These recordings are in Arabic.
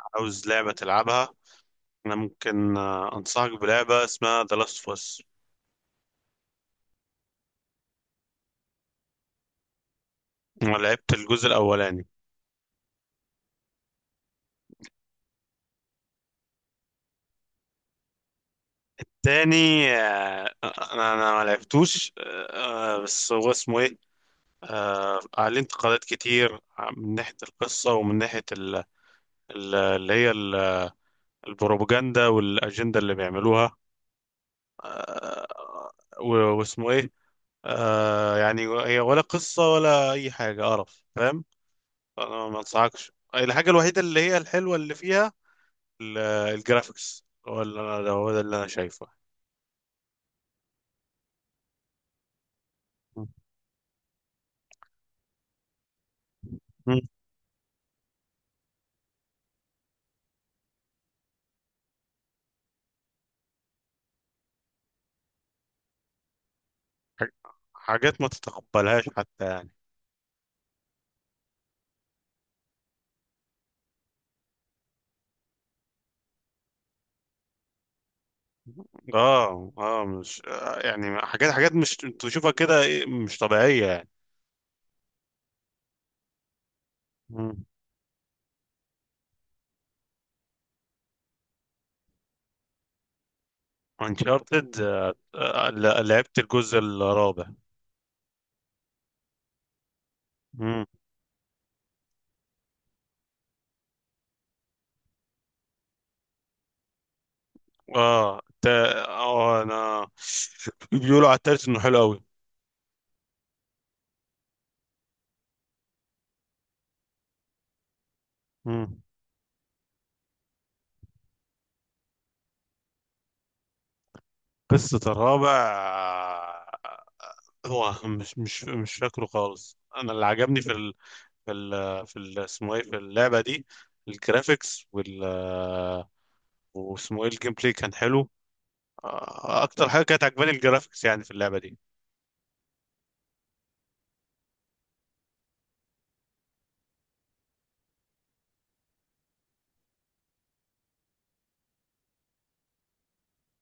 عاوز لعبة تلعبها. أنا ممكن أنصحك بلعبة اسمها The Last of Us. أنا لعبت الجزء الأولاني. تاني، أنا ما لعبتوش. بس هو اسمه إيه؟ عليه انتقادات كتير، من ناحية القصة ومن ناحية ال- اللي هي ال- البروباجندا والأجندة اللي بيعملوها. آه، واسمه إيه؟ يعني هي ولا قصة ولا أي حاجة، قرف، فاهم؟ أنا ما أنصحكش. الحاجة الوحيدة اللي هي الحلوة اللي فيها ال- الجرافيكس. هو ده اللي انا شايفه. مم. ح- حاجات ما تتقبلهاش حتى يعني. اه، اه، مش آه، يعني حاجات مش تشوفها كده، إيه، مش طبيعية يعني. مم. انشارتد. لعبت الجزء الرابع. مم. اه، تا آه انا، بيقولوا على التالت انه حلو قوي. مم. قصة الرابع؟ آه، هو مش فاكره خالص. انا اللي عجبني في في ال في ال اسمه ايه في اللعبة دي الجرافيكس. وال واسمه ايه الجيم بلاي كان حلو. اكتر حاجة كانت عجباني الجرافيكس يعني في اللعبة دي.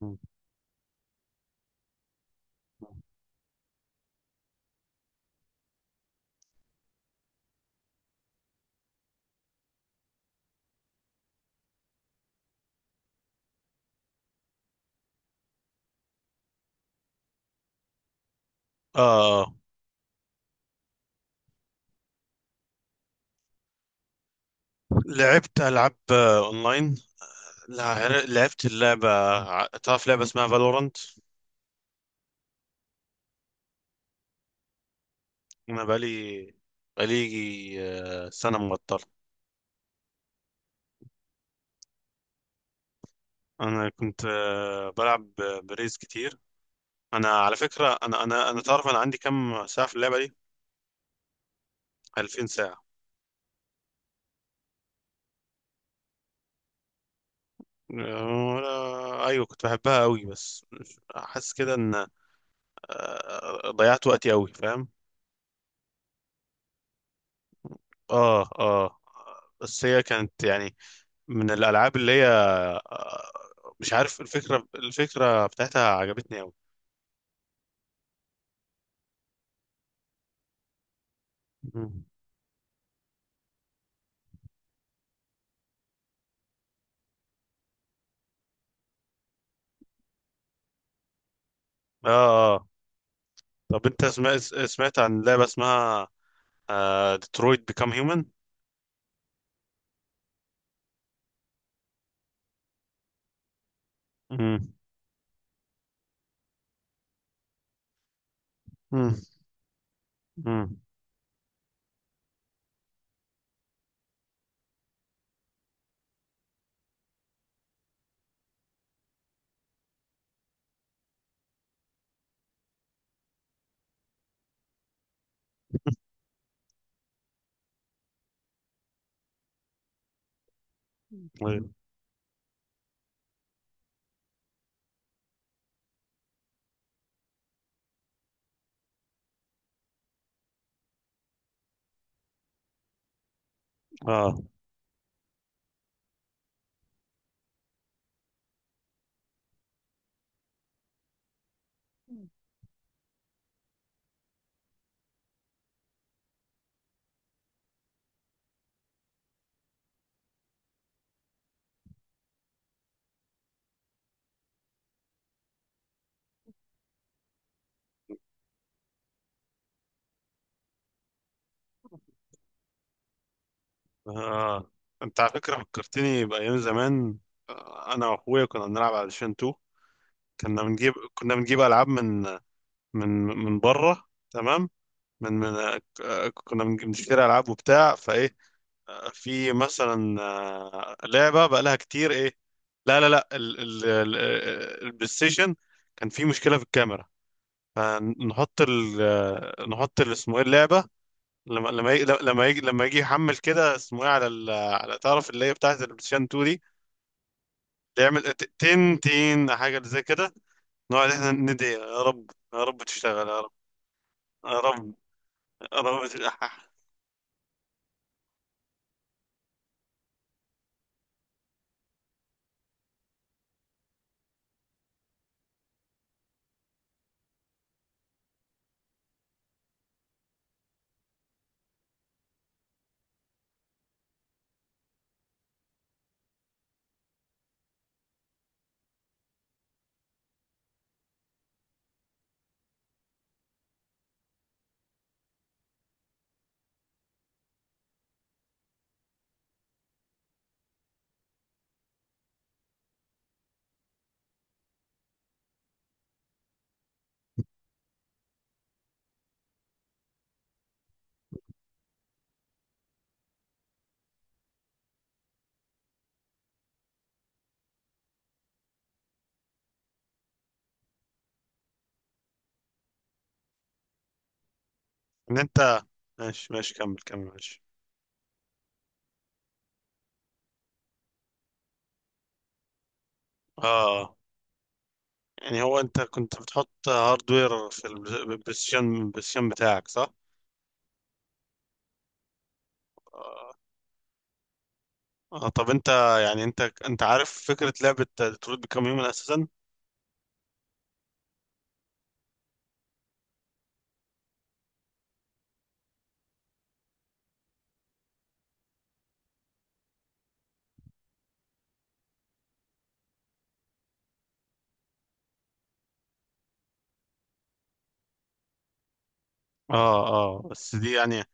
مم. اه، لعبت العاب اونلاين. لعبت اللعبة. تعرف لعبة اسمها فالورانت؟ انا بقالي سنة مبطل. انا كنت بلعب بريز كتير. انا على فكرة، انا تعرف انا عندي كم ساعة في اللعبة دي؟ 2000 ساعة. وانا، ايوه، كنت بحبها قوي بس حاسس كده ان ضيعت وقتي قوي، فاهم؟ اه، اه. بس هي كانت يعني من الالعاب اللي هي آه، مش عارف. الفكره بتاعتها عجبتني قوي. مم. اه، اه، طب انت سمعت عن لعبه اسمها ديترويت بيكام هيومن؟ مم. مم. مم. أيوة. اه، اه، انت على فكره فكرتني بايام زمان. انا واخويا كنا بنلعب على شين. كنا بنجيب العاب من من بره، تمام. من من آه، كنا بنج- بنشتري العاب وبتاع فايه. في مثلا لعبه بقى لها كتير، ايه، لا، لا، لا، البلاي ستيشن. كان في مشكله في الكاميرا، فنحط ال آه، نحط ال- اسمه ايه اللعبه. لما يجي يحمل كده، اسمه ايه على تعرف اللي هي بتاعت البلاي ستيشن 2 دي. يعمل تن، تن، حاجه زي كده. نقعد احنا ندعي، يا رب، يا رب تشتغل، يا رب، يا رب، يا رب تلحح. انت. ماشي، ماشي، كمل كمل، ماشي. اه، يعني هو، انت كنت بتحط هاردوير في البلايستيشن بتاعك صح؟ آه. اه، طب انت، يعني انت عارف فكرة لعبة ديترويت بيكام هيومن اساسا؟ اه، اه. بس دي يعني،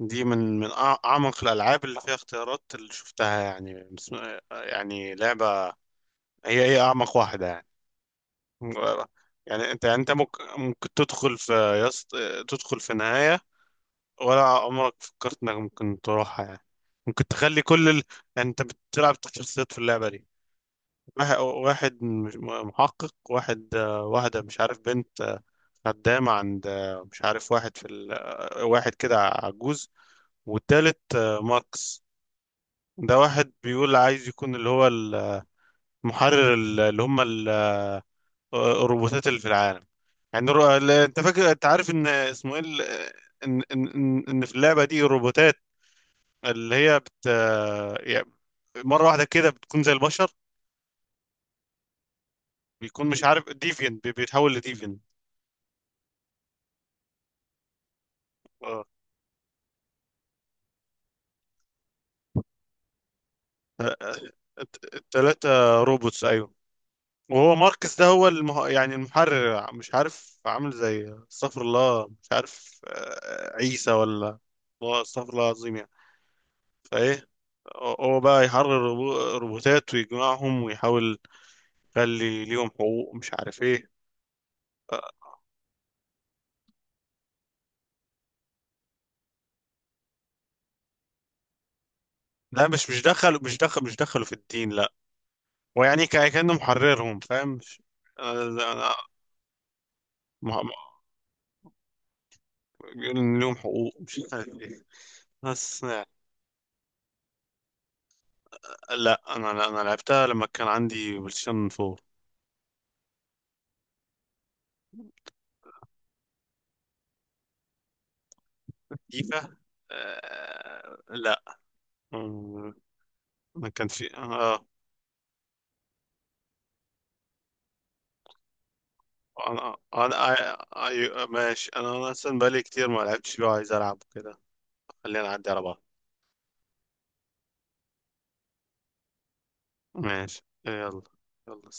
دي اعمق الالعاب اللي فيها اختيارات اللي شفتها، يعني يعني لعبة، هي اعمق واحدة يعني. يعني انت، ممكن تدخل في يص... تدخل في نهاية ولا عمرك فكرت انك ممكن تروحها يعني؟ ممكن تخلي كل يعني انت بتلعب شخصيات في اللعبة دي. واحد واحد، محقق واحد، واحدة مش عارف بنت، خدامة عند، مش عارف واحد في ال... آه، واحد كده عجوز، والتالت ماكس. ده واحد بيقول عايز يكون اللي هو المحرر اللي هم الروبوتات اللي في العالم. يعني انت عارف ان اسمه ايه ال- ان ان ان إن في اللعبه دي الروبوتات اللي هي بت آه، يعني مره واحده كده بتكون زي البشر. بيكون مش عارف ديفين، بيتحول لديفين. الثلاثه روبوتس، ايوه. وهو ماركس ده هو يعني المحرر، مش عارف، عامل زي، استغفر الله، مش عارف عيسى ولا، هو استغفر الله العظيم يعني. فايه، هو بقى يحرر الروبوتات ويجمعهم ويحاول. قال لي ليهم حقوق، مش عارف ايه. لا، مش دخلوا في الدين، لا. ويعني كأنه محررهم، فاهم؟ مش انا انا ما- ما- بيقول ان ليهم حقوق، مش عارف ايه، بس. لا، انا لعبتها لما كان عندي بلايستيشن 4. فيفا. لا. أمم، انا كان في انا انا ماشي. أنا اصلا بقالي كتير ما لعبتش فيه وعايز العب كده. خلينا نعدي على بعض. ماشي، يلا، يلا.